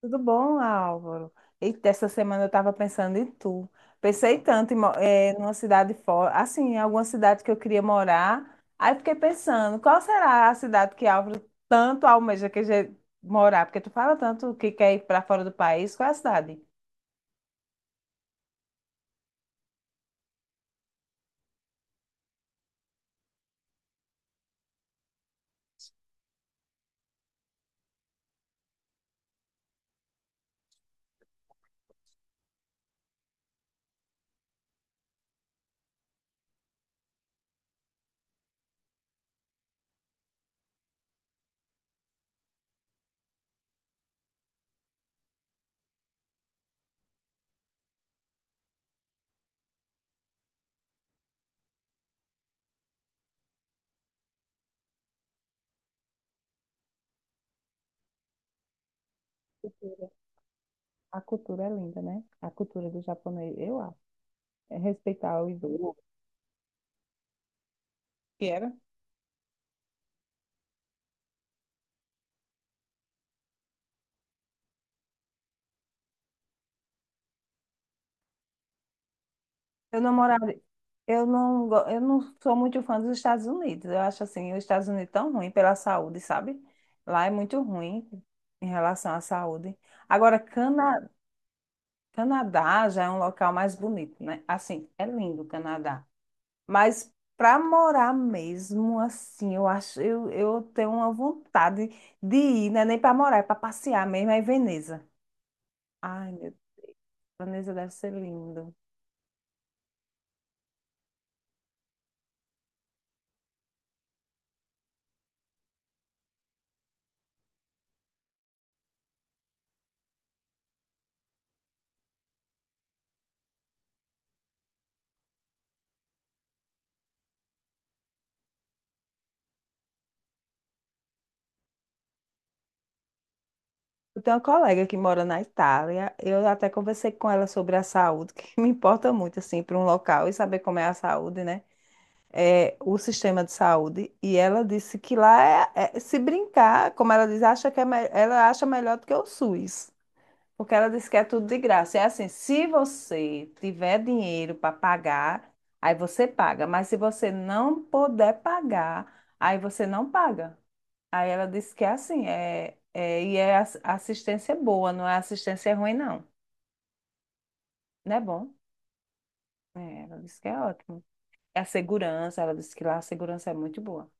Tudo bom, Álvaro? Eita, essa semana eu estava pensando em tu. Pensei tanto em, mo- numa cidade fora, assim, em alguma cidade que eu queria morar. Aí fiquei pensando, qual será a cidade que Álvaro tanto almeja que je- morar? Porque tu fala tanto que quer ir para fora do país. Qual é a cidade? Cultura. A cultura é linda, né? A cultura do japonês, eu acho. É respeitar o idoso. Eu não morava, eu não, go- eu não sou muito fã dos Estados Unidos. Eu acho assim, os Estados Unidos tão ruim pela saúde, sabe? Lá é muito ruim em relação à saúde. Agora, Cana, Canadá já é um local mais bonito, né? Assim, é lindo o Canadá. Mas para morar mesmo, assim, eu acho, eu tenho uma vontade de ir, não é nem para morar, é para passear mesmo, é em Veneza. Ai, meu Deus, Veneza deve ser lindo. Eu tenho uma colega que mora na Itália. Eu até conversei com ela sobre a saúde, que me importa muito, assim, para um local e saber como é a saúde, né? É, o sistema de saúde. E ela disse que lá é, é- se brincar, como ela diz, acha que é, me- ela acha melhor do que o SUS. Porque ela disse que é tudo de graça. É assim, se você tiver dinheiro para pagar, aí você paga. Mas se você não puder pagar, aí você não paga. Aí ela disse que é assim, é, é, e é ass- assistência é boa, não é assistência ruim, não. Não é bom? É, ela disse que é ótimo. É a segurança, ela disse que lá a segurança é muito boa.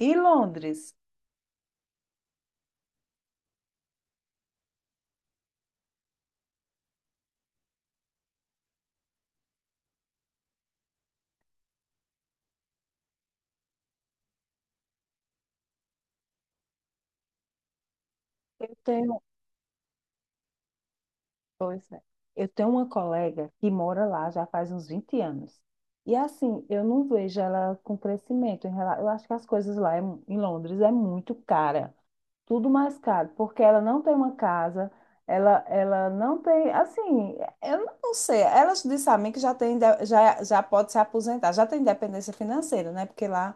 E Londres? Eu tenho, pois é, eu tenho uma colega que mora lá já faz uns 20 anos. E assim, eu não vejo ela com crescimento em relação, eu acho que as coisas lá é mu- em Londres é muito cara. Tudo mais caro, porque ela não tem uma casa, ela não tem, assim, eu não sei, ela disse a mim que já tem, inde- já, já pode se aposentar, já tem independência financeira, né? Porque lá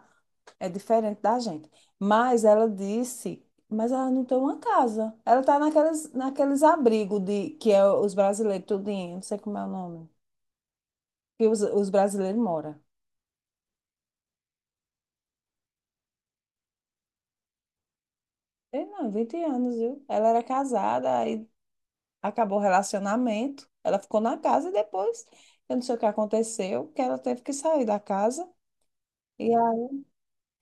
é diferente da gente. Mas ela disse, mas ela não tem uma casa. Ela está naqueles, naqueles abrigos de que é os brasileiros tudinho, não sei como é o nome, que os brasileiros moram. Ei, não, 20 anos, viu? Ela era casada, aí acabou o relacionamento, ela ficou na casa e depois, eu não sei o que aconteceu, que ela teve que sair da casa. E há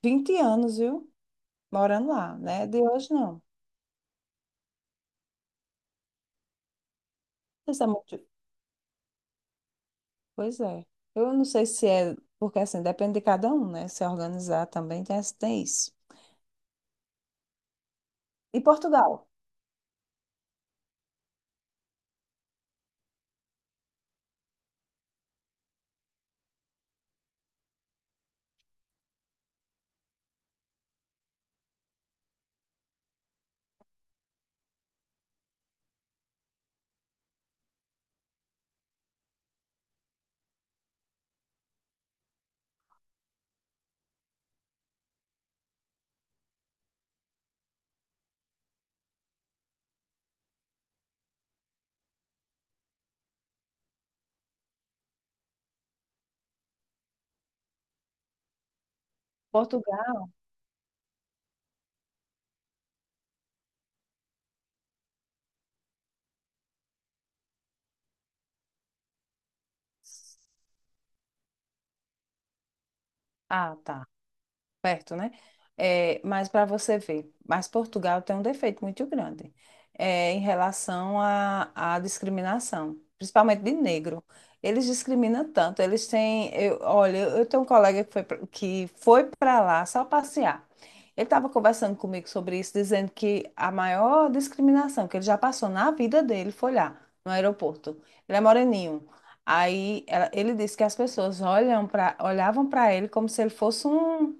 20 anos, viu? Morando lá, né? De hoje não. Isso é muito... Pois é. Eu não sei se é, porque assim, depende de cada um, né? Se organizar também tem, tem isso. E Portugal? Portugal? Ah, tá. Perto, né? É, mas para você ver, mas Portugal tem um defeito muito grande é, em relação à à discriminação, principalmente de negro. Eles discriminam tanto, eles têm, eu, olha, eu tenho um colega que foi, pra- que foi para lá só passear. Ele estava conversando comigo sobre isso, dizendo que a maior discriminação que ele já passou na vida dele foi lá, no aeroporto. Ele é moreninho. Aí ela- ele disse que as pessoas olham pra, olhavam para ele como se ele fosse um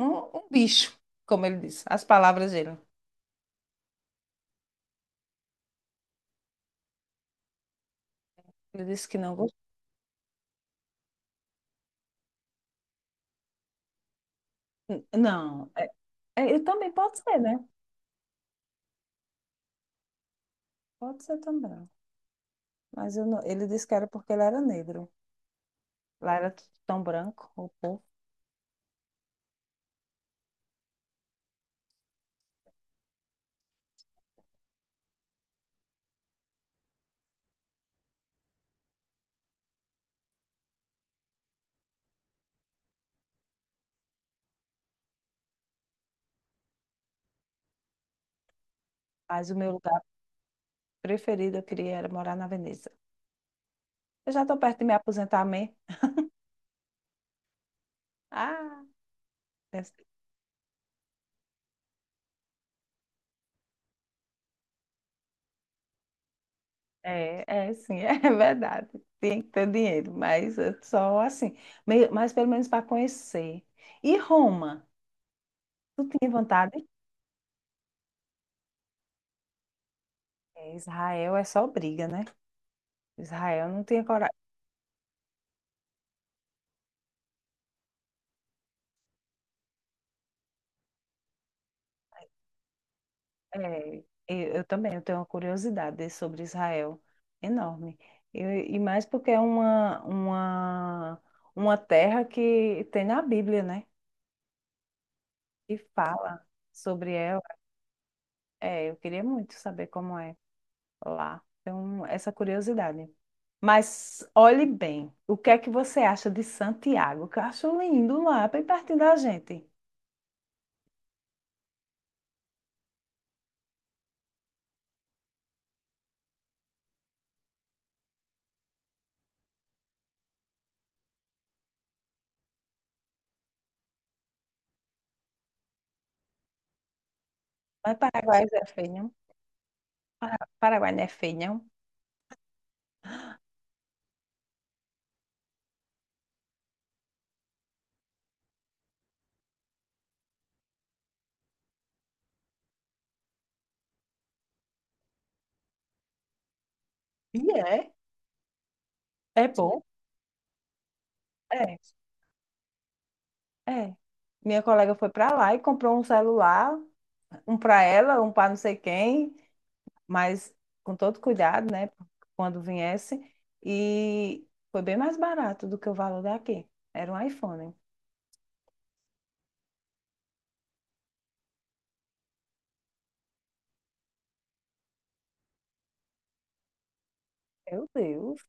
um, um bicho, como ele disse, as palavras dele. Ele disse que não gostou. N- Não, é, é, eu também pode ser, né? Pode ser também. Mas eu não- ele disse que era porque ele era negro. Lá era tudo tão branco, o povo. Mas o meu lugar preferido, eu queria era morar na Veneza. Eu já estou perto de me aposentar mesmo. Ah, é, é, é, sim, é verdade. Tem que ter dinheiro, mas é só assim. Meio, mas pelo menos para conhecer. E Roma? Tu tinha vontade? É, Israel é só briga, né? Israel não tinha coragem. É, eu também, eu tenho uma curiosidade sobre Israel enorme. Eu- e mais porque é uma terra que tem na Bíblia, né? E fala sobre ela. É, eu queria muito saber como é lá. Então, essa curiosidade. Mas olhe bem, o que é que você acha de Santiago? Que eu acho lindo lá, bem pertinho da gente. Mas Paraguai é feio, não? Para- Paraguai não é feio, não? E é. É bom. É. É. Minha colega foi para lá e comprou um celular, um para ela, um para não sei quem, mas com todo cuidado, né? Quando viesse. E foi bem mais barato do que o valor daqui. Era um iPhone. Meu Deus.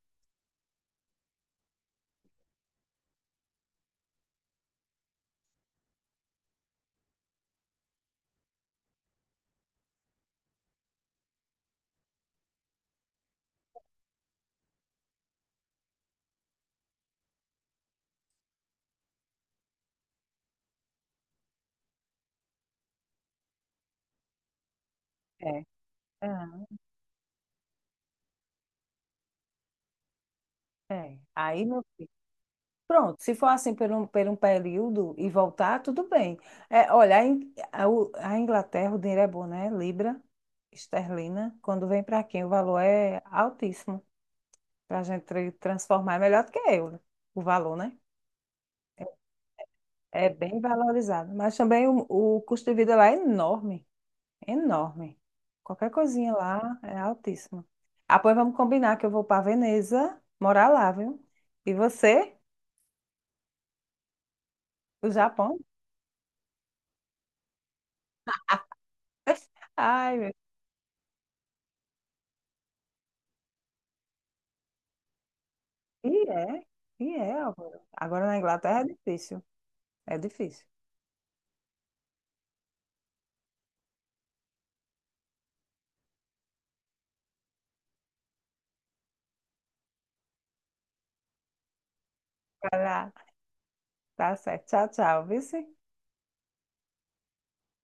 É. Ah, é. Aí, meu filho. Pronto, se for assim por um período e voltar, tudo bem. É, olha, a, In- a U- a Inglaterra, o dinheiro é bom, né? Libra, esterlina. Quando vem para quem, o valor é altíssimo. Para a gente tra- transformar, é melhor do que euro, o valor, né? É bem valorizado. Mas também o custo de vida lá é enorme, enorme. Qualquer coisinha lá é altíssimo. Ah, pois vamos combinar que eu vou para Veneza morar lá, viu? E você, o Japão? Ai, meu. E é, e é, Álvaro. Agora na Inglaterra é difícil, é difícil. Vai lá. Tá certo. Tchau, tchau, vice.